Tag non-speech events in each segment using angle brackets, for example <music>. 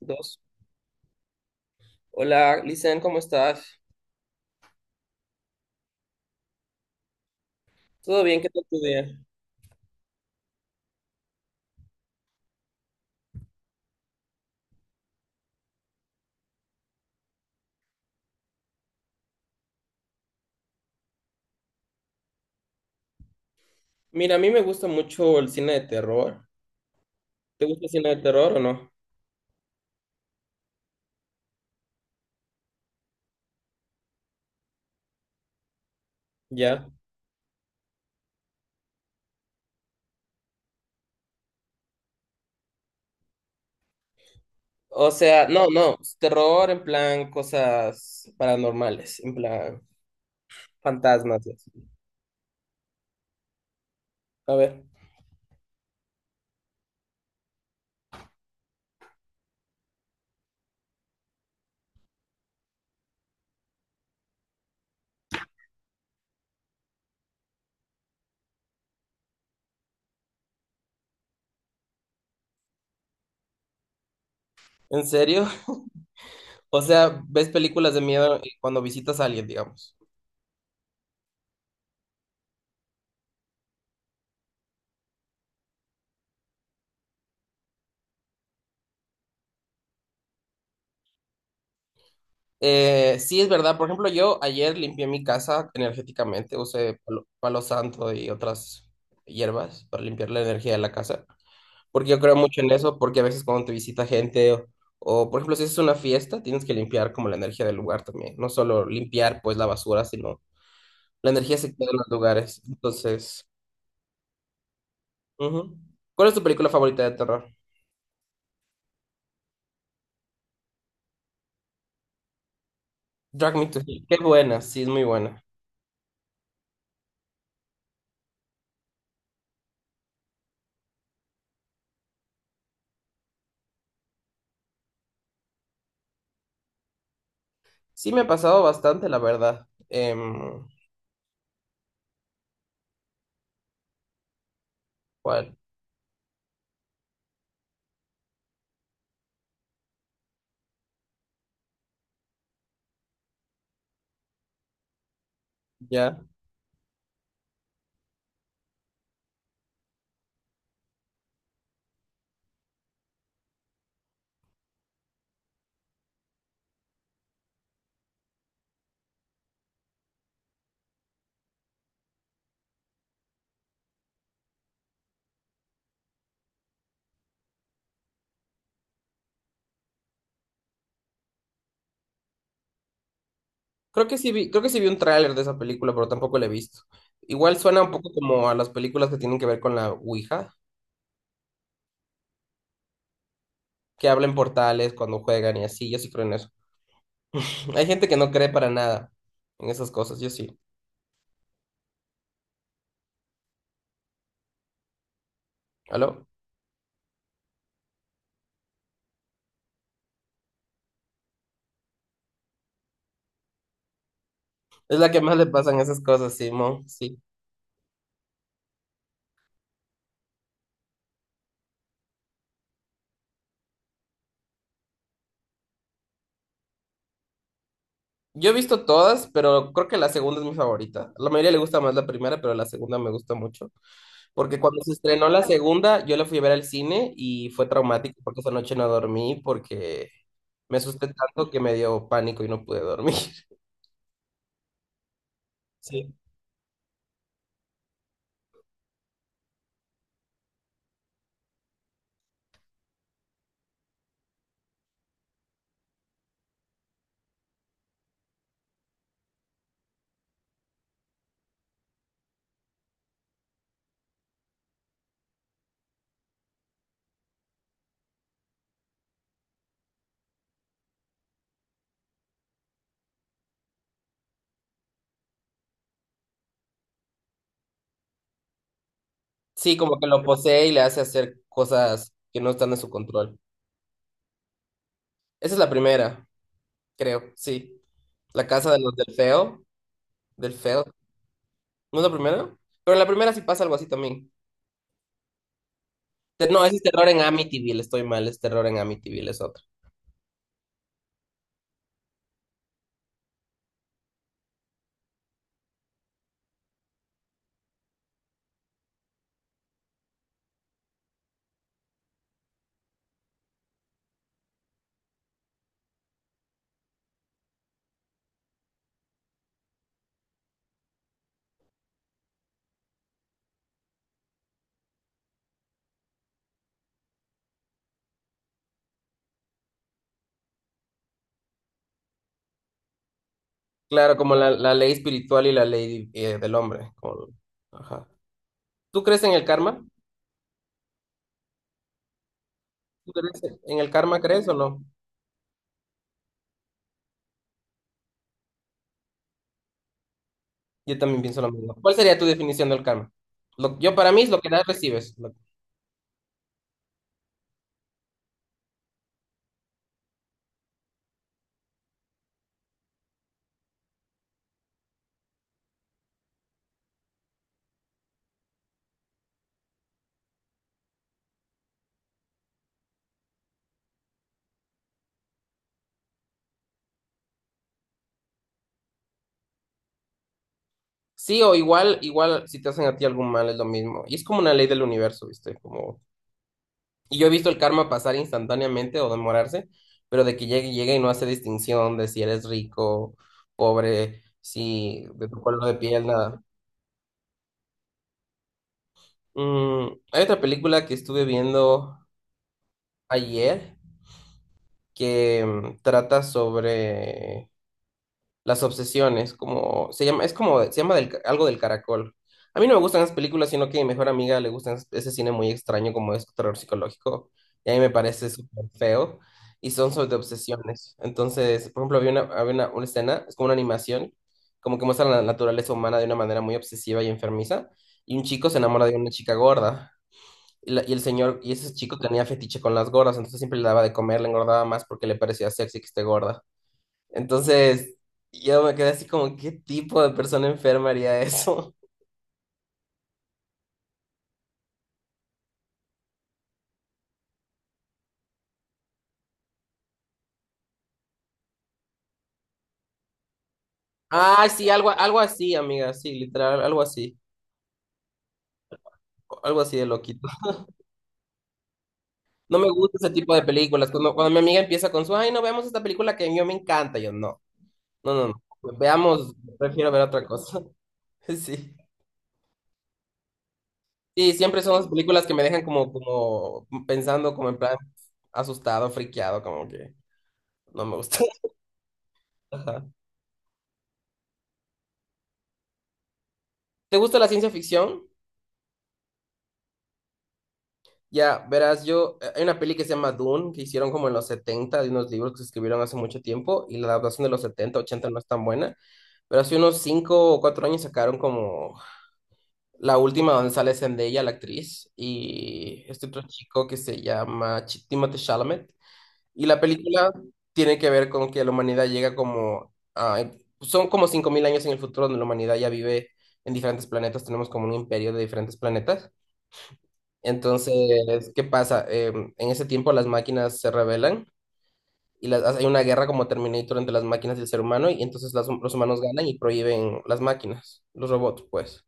Dos. Hola, Lisan, ¿cómo estás? ¿Todo bien? ¿Qué tal tu día? Mira, a mí me gusta mucho el cine de terror. ¿Te gusta el cine de terror o no? Ya. O sea, no, no, terror en plan cosas paranormales, en plan fantasmas y así. A ver, ¿en serio? <laughs> O sea, ¿ves películas de miedo cuando visitas a alguien, digamos? Sí, es verdad. Por ejemplo, yo ayer limpié mi casa energéticamente, usé palo santo y otras hierbas para limpiar la energía de la casa, porque yo creo mucho en eso, porque a veces cuando te visita gente o, por ejemplo, si es una fiesta, tienes que limpiar como la energía del lugar también, no solo limpiar pues la basura, sino la energía se queda en los lugares. Entonces, ujú. ¿Cuál es tu película favorita de terror? Drag Me to Hell. Qué buena, sí, es muy buena. Sí, me ha pasado bastante, la verdad. ¿Cuál? Ya. Creo que sí vi un tráiler de esa película, pero tampoco la he visto. Igual suena un poco como a las películas que tienen que ver con la Ouija, que hablan portales cuando juegan y así, yo sí creo en eso. <laughs> Hay gente que no cree para nada en esas cosas, yo sí. ¿Aló? Es la que más le pasan esas cosas, Simón, sí. Yo he visto todas, pero creo que la segunda es mi favorita. A la mayoría le gusta más la primera, pero la segunda me gusta mucho. Porque cuando se estrenó la segunda, yo la fui a ver al cine y fue traumático porque esa noche no dormí porque me asusté tanto que me dio pánico y no pude dormir. <laughs> Sí. Sí, como que lo posee y le hace hacer cosas que no están en su control. Esa es la primera, creo, sí. La casa de los del feo. ¿No es la primera? Pero en la primera sí pasa algo así también. No, ese es terror en Amityville, estoy mal, es terror en Amityville, es otro. Claro, como la ley espiritual y la ley del hombre. Ajá. ¿Tú crees en el karma? ¿Tú crees en el karma, crees o no? Yo también pienso lo mismo. ¿Cuál sería tu definición del karma? Yo para mí es lo que das, recibes. Sí o igual si te hacen a ti algún mal es lo mismo. Y es como una ley del universo, ¿viste? Como... Y yo he visto el karma pasar instantáneamente o demorarse, pero de que llegue, llegue y no hace distinción de si eres rico, pobre, si de tu color de piel, nada. Hay otra película que estuve viendo ayer que trata sobre las obsesiones, como se llama, es como, se llama algo del caracol. A mí no me gustan esas películas, sino que a mi mejor amiga le gustan ese cine muy extraño como es terror psicológico, y a mí me parece súper feo, y son sobre obsesiones. Entonces, por ejemplo, había una escena, es como una animación, como que muestra la naturaleza humana de una manera muy obsesiva y enfermiza, y un chico se enamora de una chica gorda. Y ese chico tenía fetiche con las gordas, entonces siempre le daba de comer, le engordaba más porque le parecía sexy que esté gorda. Entonces, yo me quedé así como, ¿qué tipo de persona enferma haría eso? <laughs> Ah, sí, algo así, amiga, sí, literal, algo así. Algo así de loquito. No me gusta ese tipo de películas. Cuando mi amiga empieza con su, ay, no veamos esta película que a mí me encanta, yo no. No, no, no. Veamos, prefiero ver otra cosa. <laughs> Sí. Sí, siempre son las películas que me dejan como, pensando, como en plan asustado, friqueado, como que no me gusta. <laughs> Ajá. ¿Te gusta la ciencia ficción? Ya, verás, hay una peli que se llama Dune, que hicieron como en los 70 de unos libros que se escribieron hace mucho tiempo, y la adaptación de los 70 ochenta no es tan buena, pero hace unos 5 o 4 años sacaron como la última donde sale Zendaya, la actriz, y este otro chico que se llama Timothée Chalamet. Y la película tiene que ver con que la humanidad llega como son como 5000 años en el futuro donde la humanidad ya vive en diferentes planetas, tenemos como un imperio de diferentes planetas. Entonces, ¿qué pasa? En ese tiempo las máquinas se rebelan y hay una guerra como Terminator entre las máquinas y el ser humano y entonces los humanos ganan y prohíben las máquinas, los robots, pues.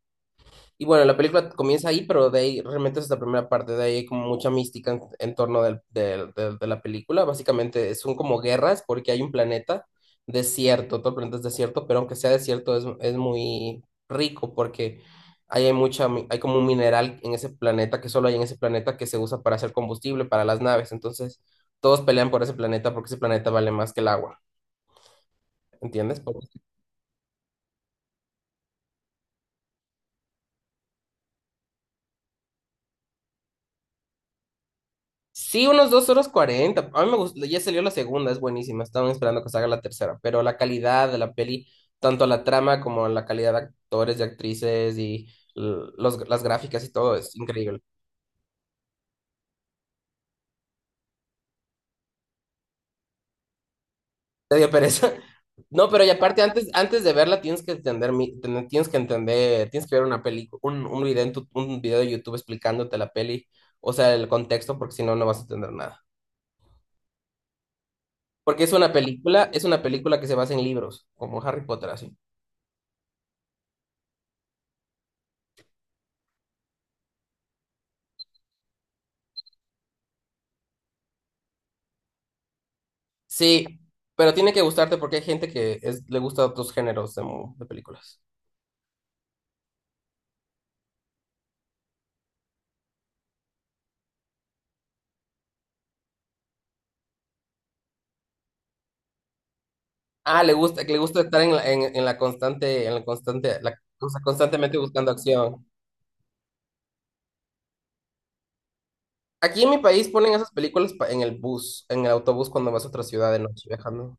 Y bueno, la película comienza ahí, pero de ahí realmente es la primera parte, de ahí hay como mucha mística en torno de la película. Básicamente son como guerras porque hay un planeta desierto, todo el planeta es desierto, pero aunque sea desierto es muy rico porque ahí hay como un mineral en ese planeta que solo hay en ese planeta que se usa para hacer combustible para las naves. Entonces todos pelean por ese planeta porque ese planeta vale más que el agua, ¿entiendes? Sí, unos dos horas cuarenta. A mí me gustó, ya salió la segunda, es buenísima. Estaban esperando que salga la tercera, pero la calidad de la peli, tanto la trama como la calidad de actores y actrices y las gráficas y todo, es increíble. Te dio pereza. <laughs> No, pero y aparte, antes de verla tienes que entender, tienes que ver una peli, un video un video de YouTube explicándote la peli, o sea, el contexto, porque si no, no vas a entender nada. Porque es una película que se basa en libros, como Harry Potter, así. Sí, pero tiene que gustarte porque hay gente que le gusta otros géneros de películas. Ah, le gusta, que le gusta estar en la constante, o sea, constantemente buscando acción. Aquí en mi país ponen esas películas en el bus, en el autobús cuando vas a otra ciudad de noche viajando.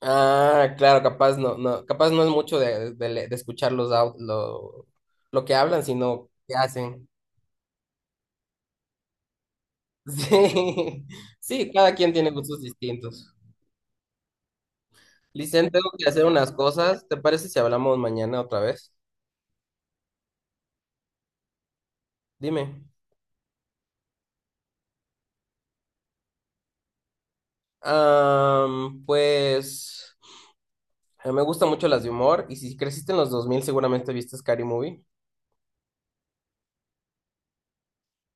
Ah, claro, capaz no es mucho de escuchar lo que hablan, sino qué hacen. <laughs> Sí, sí, cada quien tiene gustos distintos. Licen, tengo que hacer unas cosas. ¿Te parece si hablamos mañana otra vez? Dime. Pues, me gustan mucho las de humor y si creciste en los 2000, seguramente viste Scary Movie.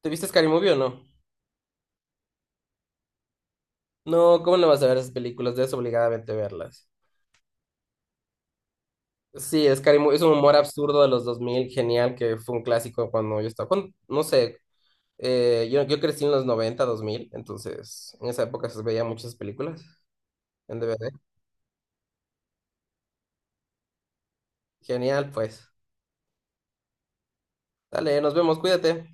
¿Te viste Scary Movie o no? No, ¿cómo no vas a ver esas películas? Debes obligadamente verlas. Sí, Scary Movie es un humor absurdo de los 2000, genial, que fue un clásico cuando yo estaba, cuando- no sé, yo crecí en los noventa, dos mil, entonces en esa época se veía muchas películas en DVD. Genial, pues. Dale, nos vemos, cuídate.